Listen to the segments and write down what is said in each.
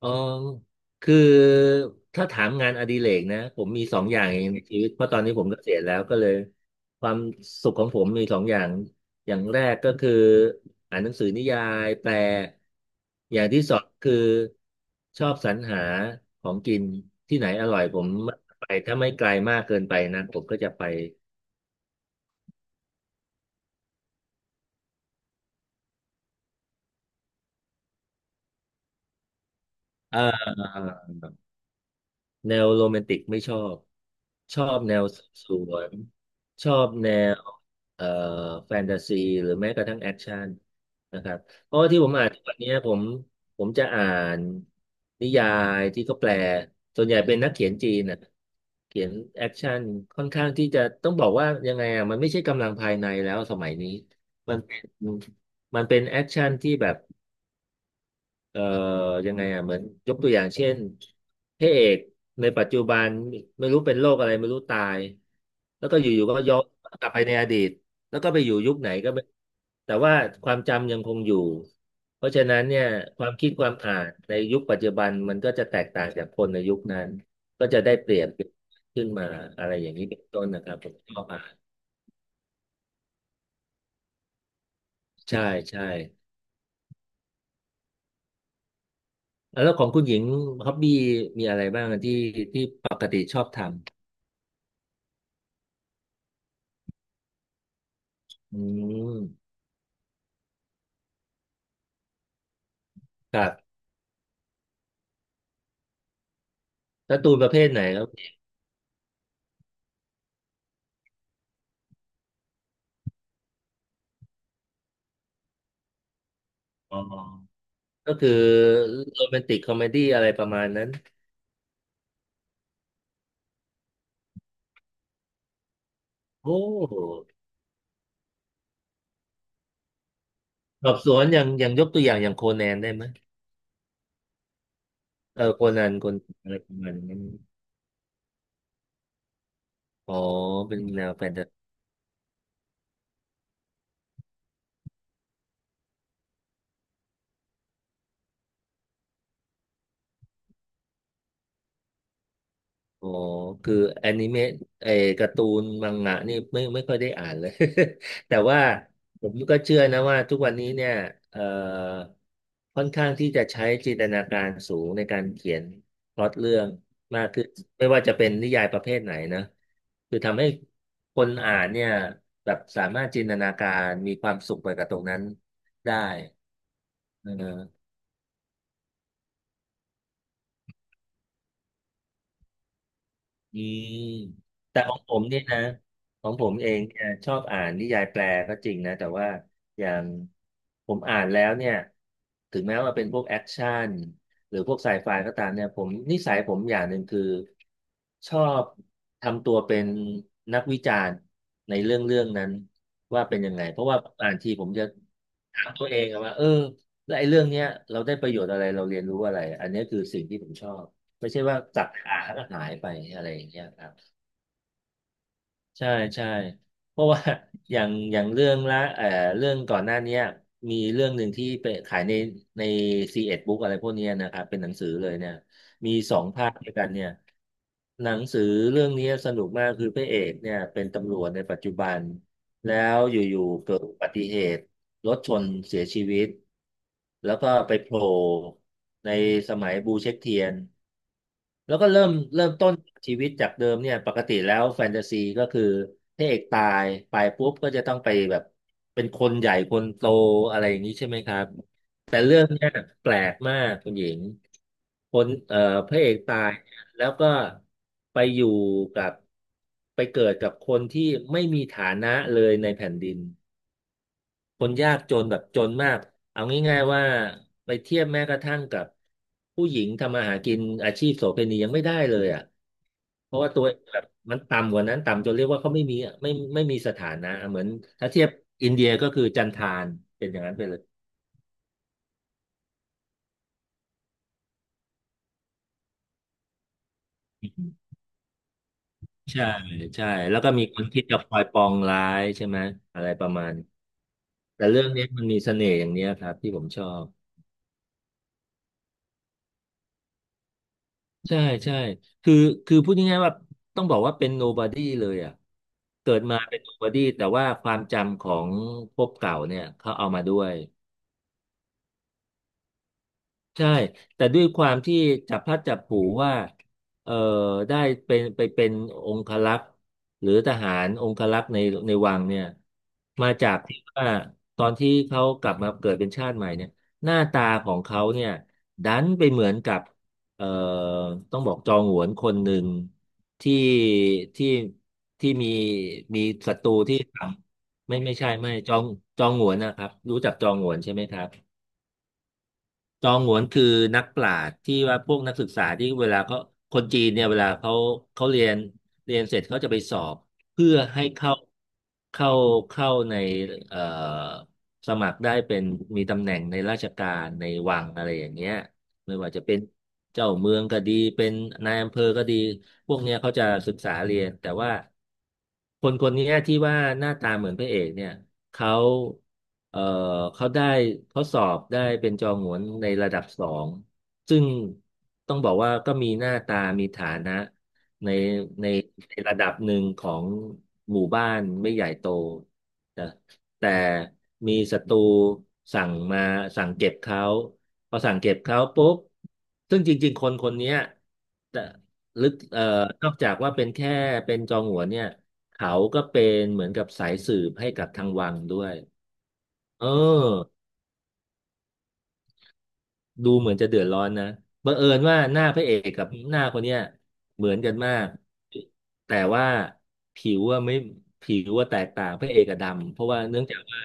อออคือถ้าถามงานอดิเรกนะผมมีสองอย่างเองในชีวิตเพราะตอนนี้ผมเกษียณแล้วก็เลยความสุขของผมมีสองอย่างอย่างแรกก็คืออ่านหนังสือนิยายแปลอย่างที่สองคือชอบสรรหาของกินที่ไหนอร่อยผมไปถ้าไม่ไกลมากเกินไปนะผมก็จะไปเออ แนวโรแมนติกไม่ชอบชอบแนวสืบสวนชอบแนวเอ่อแฟนตาซีหรือแม้กระทั่งแอคชั่นนะครับเพราะว่าที่ผมอ่านทุกวันนี้ผมจะอ่านนิยายที่เขาแปลส่วนใหญ่เป็นนักเขียนจีนนะเขียนแอคชั่นค่อนข้างที่จะต้องบอกว่ายังไงอ่ะมันไม่ใช่กำลังภายในแล้วสมัยนี้มันเป็นมันเป็นแอคชั่นที่แบบ เอ่อยังไงอ่ะเหมือนยกตัวอย่างเช่นพระเอกในปัจจุบันไม่รู้เป็นโรคอะไรไม่รู้ตายแล้วก็อยู่ๆก็ย้อนกลับไปในอดีตแล้วก็ไปอยู่ยุคไหนก็ไม่แต่ว่าความจำยังคงอยู่เพราะฉะนั้นเนี่ยความคิดความอ่านในยุคปัจจุบันมันก็จะแตกต่างจากคนในยุคนั้นก็จะได้เปรียบขึ้นมาอะไรอย่างนี้เป็นต้นนะครับผมชอบอ่านใช่ใช่แล้วของคุณหญิงฮ็อบบี้มีอะไรบ้างที่ที่ปกติชอบทำอืม ครับการ์ตูนประเภทไหนครับอ๋อก็คือโรแมนติกคอมเมดี้อะไรประมาณนั้นโอ้สอบสวนอย่างอย่างยกตัวอย่างอย่างโคแนนได้ไหมเออโคนันคนอะไรประมาณนั้น อ๋อ เป็นแนวแฟนตา อ๋อคือแอนิเมะไอ้การ์ตูนมังงะนี่ไม่ค่อยได้อ่านเลย แต่ว่าผมก็เชื่อนะว่าทุกวันนี้เนี่ยเอ่อค่อนข้างที่จะใช้จินตนาการสูงในการเขียนพล็อตเรื่องมากขึ้นไม่ว่าจะเป็นนิยายประเภทไหนนะคือทำให้คนอ่านเนี่ยแบบสามารถจินตนาการมีความสุขไปกับตรงนั้นได้ อืมแต่ของผมเนี่ยนะของผมเองเนี่ยชอบอ่านนิยายแปลก็จริงนะแต่ว่าอย่างผมอ่านแล้วเนี่ยถึงแม้ว่าเป็นพวกแอคชั่นหรือพวกไซไฟก็ตามเนี่ยผมนิสัยผมอย่างหนึ่งคือชอบทำตัวเป็นนักวิจารณ์ในเรื่องเรื่องนั้นว่าเป็นยังไงเพราะว่าอ่านทีผมจะถามตัวเองอะว่าเออแล้วไอ้เรื่องเนี้ยเราได้ประโยชน์อะไรเราเรียนรู้อะไรอันเนี้ยคือสิ่งที่ผมชอบ ไม่ใช่ว่าจัดหาแล้วก็หายไปอะไรอย่างเงี้ยครับใช่ใช่เพราะว่า อย่างอย่างเรื่องละเรื่องก่อนหน้าเนี้ยมีเรื่องหนึ่งที่ไปขายในในซีเอ็ดบุ๊กอะไรพวกเนี้ยนะครับเป็นหนังสือเลยเนี่ยมีสองภาคด้วยกันเนี่ยหนังสือเรื่องนี้สนุกมากคือพระเอกเนี่ยเป็นตำรวจในปัจจุบันแล้วอยู่ๆเกิดอุบัติเหตุรถชนเสียชีวิตแล้วก็ไปโผล่ในสมัยบูเช็คเทียน แล้วก็เริ่มต้นชีวิตจากเดิมเนี่ยปกติแล้วแฟนตาซีก็คือพระเอกตายไปปุ๊บก็จะต้องไปแบบเป็นคนใหญ่คนโตอะไรอย่างนี้ใช่ไหมครับแต่เรื่องเนี้ยแปลกมากคุณหญิงคนพระเอกตายเนี่ยแล้วก็ไปอยู่กับไปเกิดกับคนที่ไม่มีฐานะเลยในแผ่นดิน คนยากจนแบบจนมากเอาง่ายๆว่าไปเทียบแม้กระทั่งกับผู้หญิงทำมาหากินอาชีพโสเภณียังไม่ได้เลยอ่ะเพราะว่าตัวแบบมันต่ำกว่านั้นต่ำจนเรียกว่าเขาไม่มีอะไม่มีสถานะเหมือนถ้าเทียบอินเดียก็คือจันทานเป็นอย่างนั้นไปเลยใช่ใช่แล้วก็มีคนที่จะคอยปองร้ายใช่ไหมอะไรประมาณแต่เรื่องนี้มันมีเสน่ห์อย่างเนี้ยครับที่ผมชอบ ใช่ใช่คือคือพูดง่ายๆว่าต้องบอกว่าเป็น nobody เลยอ่ะเกิดมาเป็น nobody แต่ว่าความจำของภพเก่าเนี่ยเขาเอามาด้วย ใช่ แต่ด้วยความที่จับพลัดจับผลูว่าเอ่อได้เป็นไปเป็นองครักษ์หรือทหารองครักษ์ในวังเนี่ยมาจากที่ว่าตอนที่เขากลับมาเกิดเป็นชาติใหม่เนี่ยหน้าตาของเขาเนี่ยดันไปเหมือนกับเอ่อต้องบอกจองหวนคนหนึ่งที่ที่ที่มีศัตรูที่ทำไม่ใช่ไม่จองจองหวนนะครับรู้จักจองหวนใช่ไหมครับ จองหวนคือนักปราชญ์ที่ว่าพวกนักศึกษาที่เวลาเขาคนจีนเนี่ยเวลาเขาเขาเรียนเรียนเสร็จเขาจะไปสอบเพื่อให้เข้าเข้าในเอ่อสมัครได้เป็นมีตำแหน่งในราชการในวังอะไรอย่างเงี้ยไม่ว่าจะเป็นเจ้าเมืองก็ดีเป็นนายอำเภอก็ดีพวกเนี้ยเขาจะศึกษาเรียนแต่ว่าคนคนเนี้ยที่ว่าหน้าตาเหมือนพระเอกเนี่ย เขาเอ่อเขาได้เขาสอบได้เป็นจอหงวนในระดับสองซึ่งต้องบอกว่าก็มีหน้าตามีฐานะในในในระดับหนึ่งของหมู่บ้านไม่ใหญ่โตนะแต่มีศัตรูสั่งมาสั่งเก็บเขาพอสั่งเก็บเขาปุ๊บซึ่งจริงๆคนคนเนี้ย ลึกนอกจากว่าเป็นแค่เป็นจองหัวนเนี่ยเขาก็เป็นเหมือนกับสายสืบให้กับทางวังด้วยเออ ดูเหมือนจะเดือดร้อนนะบังเอิญว่าหน้าพระเอกกับหน้าคนเนี้ยเหมือนกันมากแต่ว่าผิวว่าไม่ผิวว่าแตกต่างพระเอกกับดำเพราะว่าเนื่องจากว่า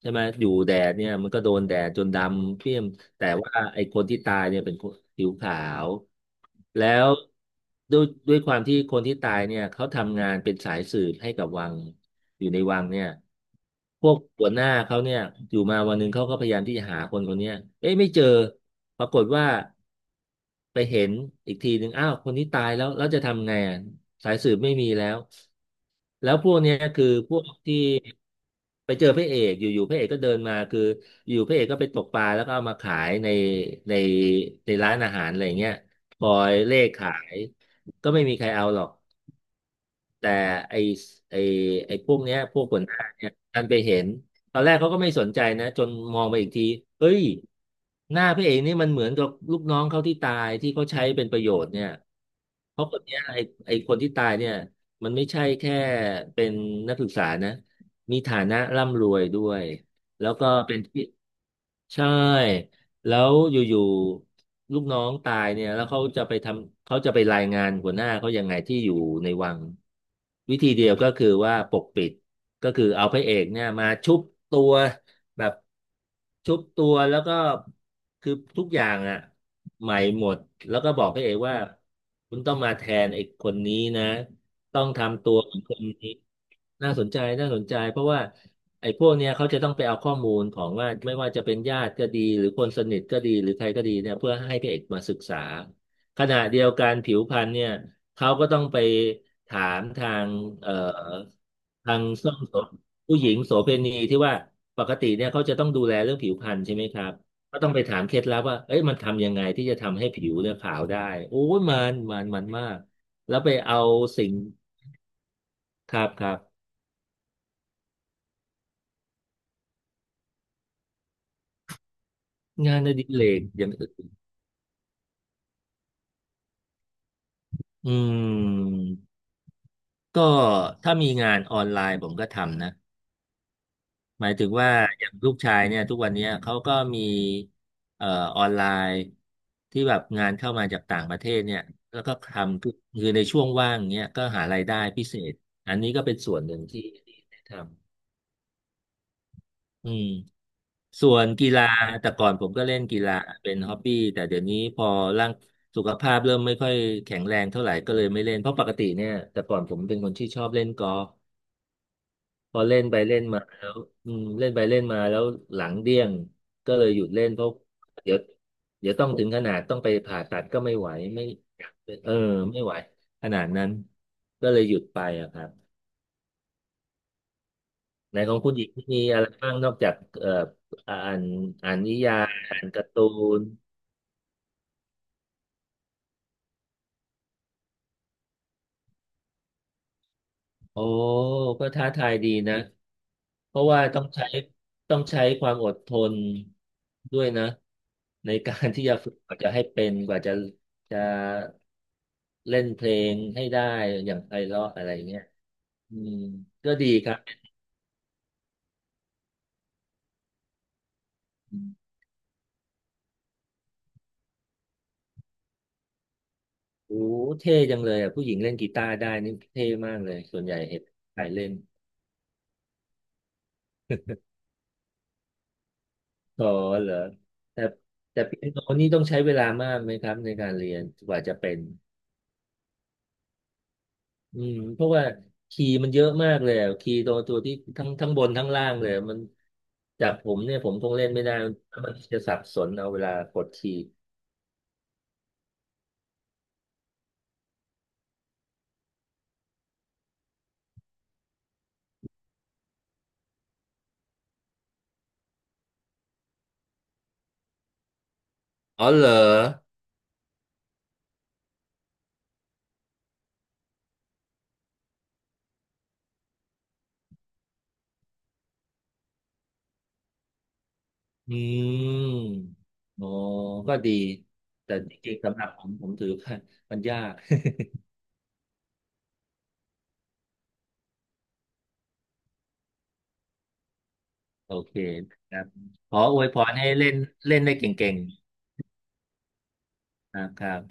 ใช่ไหมอยู่แดดเนี่ยมันก็โดนแดดจนดำเพี้ยมแต่ว่าไอ้คนที่ตายเนี่ยเป็นคนผิวขาวแล้วด้วยความที่คนที่ตายเนี่ยเขาทำงานเป็นสายสืบให้กับวังอยู่ในวังเนี่ย พวกหัวหน้าเขาเนี่ยอยู่มาวันหนึ่งเขาก็พยายามที่จะหาคนคนเนี้ยเอ๊ะไม่เจอปรากฏว่าไปเห็นอีกทีหนึ่งอ้าวคนนี้ตายแล้วแล้วจะทำไงอ่ะสายสืบไม่มีแล้วแล้วพวกเนี้ยคือพวกที่ไปเจอพระเอกอยู่ๆพระเอกก็เดินมาคืออยู่พระเอกก็ไปตกปลาแล้วก็เอามาขายในในร้านอาหารอะไรเงี้ยคอยเล่ขายก็ไม่มีใครเอาหรอก แต่ไอไอไอพวกเนี้ยพวกหัวหน้าเนี่ยดันไปเห็นตอนแรกเขาก็ไม่สนใจนะจนมองไปอีกทีเฮ้ยหน้าพระเอกนี่มันเหมือนกับลูกน้องเขาที่ตายที่เขาใช้เป็นประโยชน์เนี่ยเพราะคนเนี้ยไอคนที่ตายเนี่ยมันไม่ใช่แค่เป็นนักศึกษานะมีฐานะร่ำรวยด้วยแล้วก็เป็นที่ใช่ แล้วอยู่ๆลูกน้องตายเนี่ยแล้วเขาจะไปทำเขาจะไปรายงานหัวหน้าเขายังไงที่อยู่ในวังวิธีเดียวก็คือว่าปกปิดก็คือเอาพระเอกเนี่ยมาชุบตัวแบบชุบตัวแล้วก็คือทุกอย่างอ่ะใหม่หมดแล้วก็บอกพระเอกว่าคุณต้องมาแทนไอ้คนนี้นะต้องทำตัวเหมือนคนนี้น่าสนใจน่าสนใจเพราะว่า ไอ้พวกเนี้ยเขาจะต้องไปเอาข้อมูลของว่าไม่ว่าจะเป็นญาติก็ดีหรือคนสนิทก็ดีหรือใครก็ดีเนี่ยเพื่อให้พระเอกมาศึกษาขณะเดียวกันผิวพรรณเนี่ยเขาก็ต้องไปถามทางเอ่อทางส้มโสผู้หญิงโสเภณีที่ว่าปกติเนี่ยเขาจะต้องดูแลเรื่องผิวพรรณใช่ไหมครับก็ต้องไปถามเคล็ดลับว่าเอ้ยมันทำยังไงที่จะทำให้ผิวเนี่ยขาวได้โอ้ยมันมากแล้วไปเอาสิ่งครับครับงานอดิเรกอย่างอื่นอืม ก็ถ้ามีงานออนไลน์ผมก็ทำนะหมายถึงว่าอย่างลูกชายเนี่ยทุกวันเนี้ยเขาก็มีเอ่อออนไลน์ที่แบบงานเข้ามาจากต่างประเทศเนี่ยแล้วก็ทำคือคือในช่วงว่างเนี่ยก็หารายได้พิเศษอันนี้ก็เป็นส่วนหนึ่งที่ที่ได้ทำอืมส่วนกีฬาแต่ก่อนผมก็เล่นกีฬาเป็นฮ็อบบี้แต่เดี๋ยวนี้พอร่างสุขภาพเริ่มไม่ค่อยแข็งแรงเท่าไหร่ก็เลยไม่เล่นเพราะปกติเนี่ยแต่ก่อนผมเป็นคนที่ชอบเล่นกอล์ฟ พอเล่นไปเล่นมาแล้วอืมเล่นไปเล่นมาแล้วหลังเดี้ยงก็เลยหยุดเล่นเพราะเดี๋ยวเดี๋ยวต้องถึงขนาดต้องไปผ่าตัดก็ไม่ไหวไม่เออไม่ไหวขนาดนั้นก็เลยหยุดไปอะครับในของคุณหญิงมีอะไรบ้างนอกจากอ่านอ่านนิยายอ่านการ์ตูน โอ้ก็ท้าทายดีนะเพราะว่าต้องใช้ความอดทนด้วยนะในการที่จะฝึกกว่าจะให้เป็นกว่าจะจะเล่นเพลงให้ได้อย่างไพเราะอะไรเงี้ยอืมก็ดีครับอืมโอ้เท่จังเลยอ่ะผู้หญิงเล่นกีตาร์ได้นี่เท่มากเลยส่วนใหญ่เห็นใครเล่นอ๋อเหรอแต่แต่เปียโนนี่ต้องใช้เวลามากไหมครับในการเรียนกว่าจะเป็น อืมเพราะว่าคีย์มันเยอะมากเลยอะคีย์ตัวที่ทั้งบนทั้งล่างเลยอะมันจากผมเนี่ยผมคงเล่นไม่ได้มันจะสับสนเอาเวลากดคีย์อ๋อเหรออืมอ๋อก็ดีแต่จริงๆสำหรับผมผมถือว่ามันยากโอเคครับขออวยพรให้เล่นเล่นได้เก่งๆนะครับ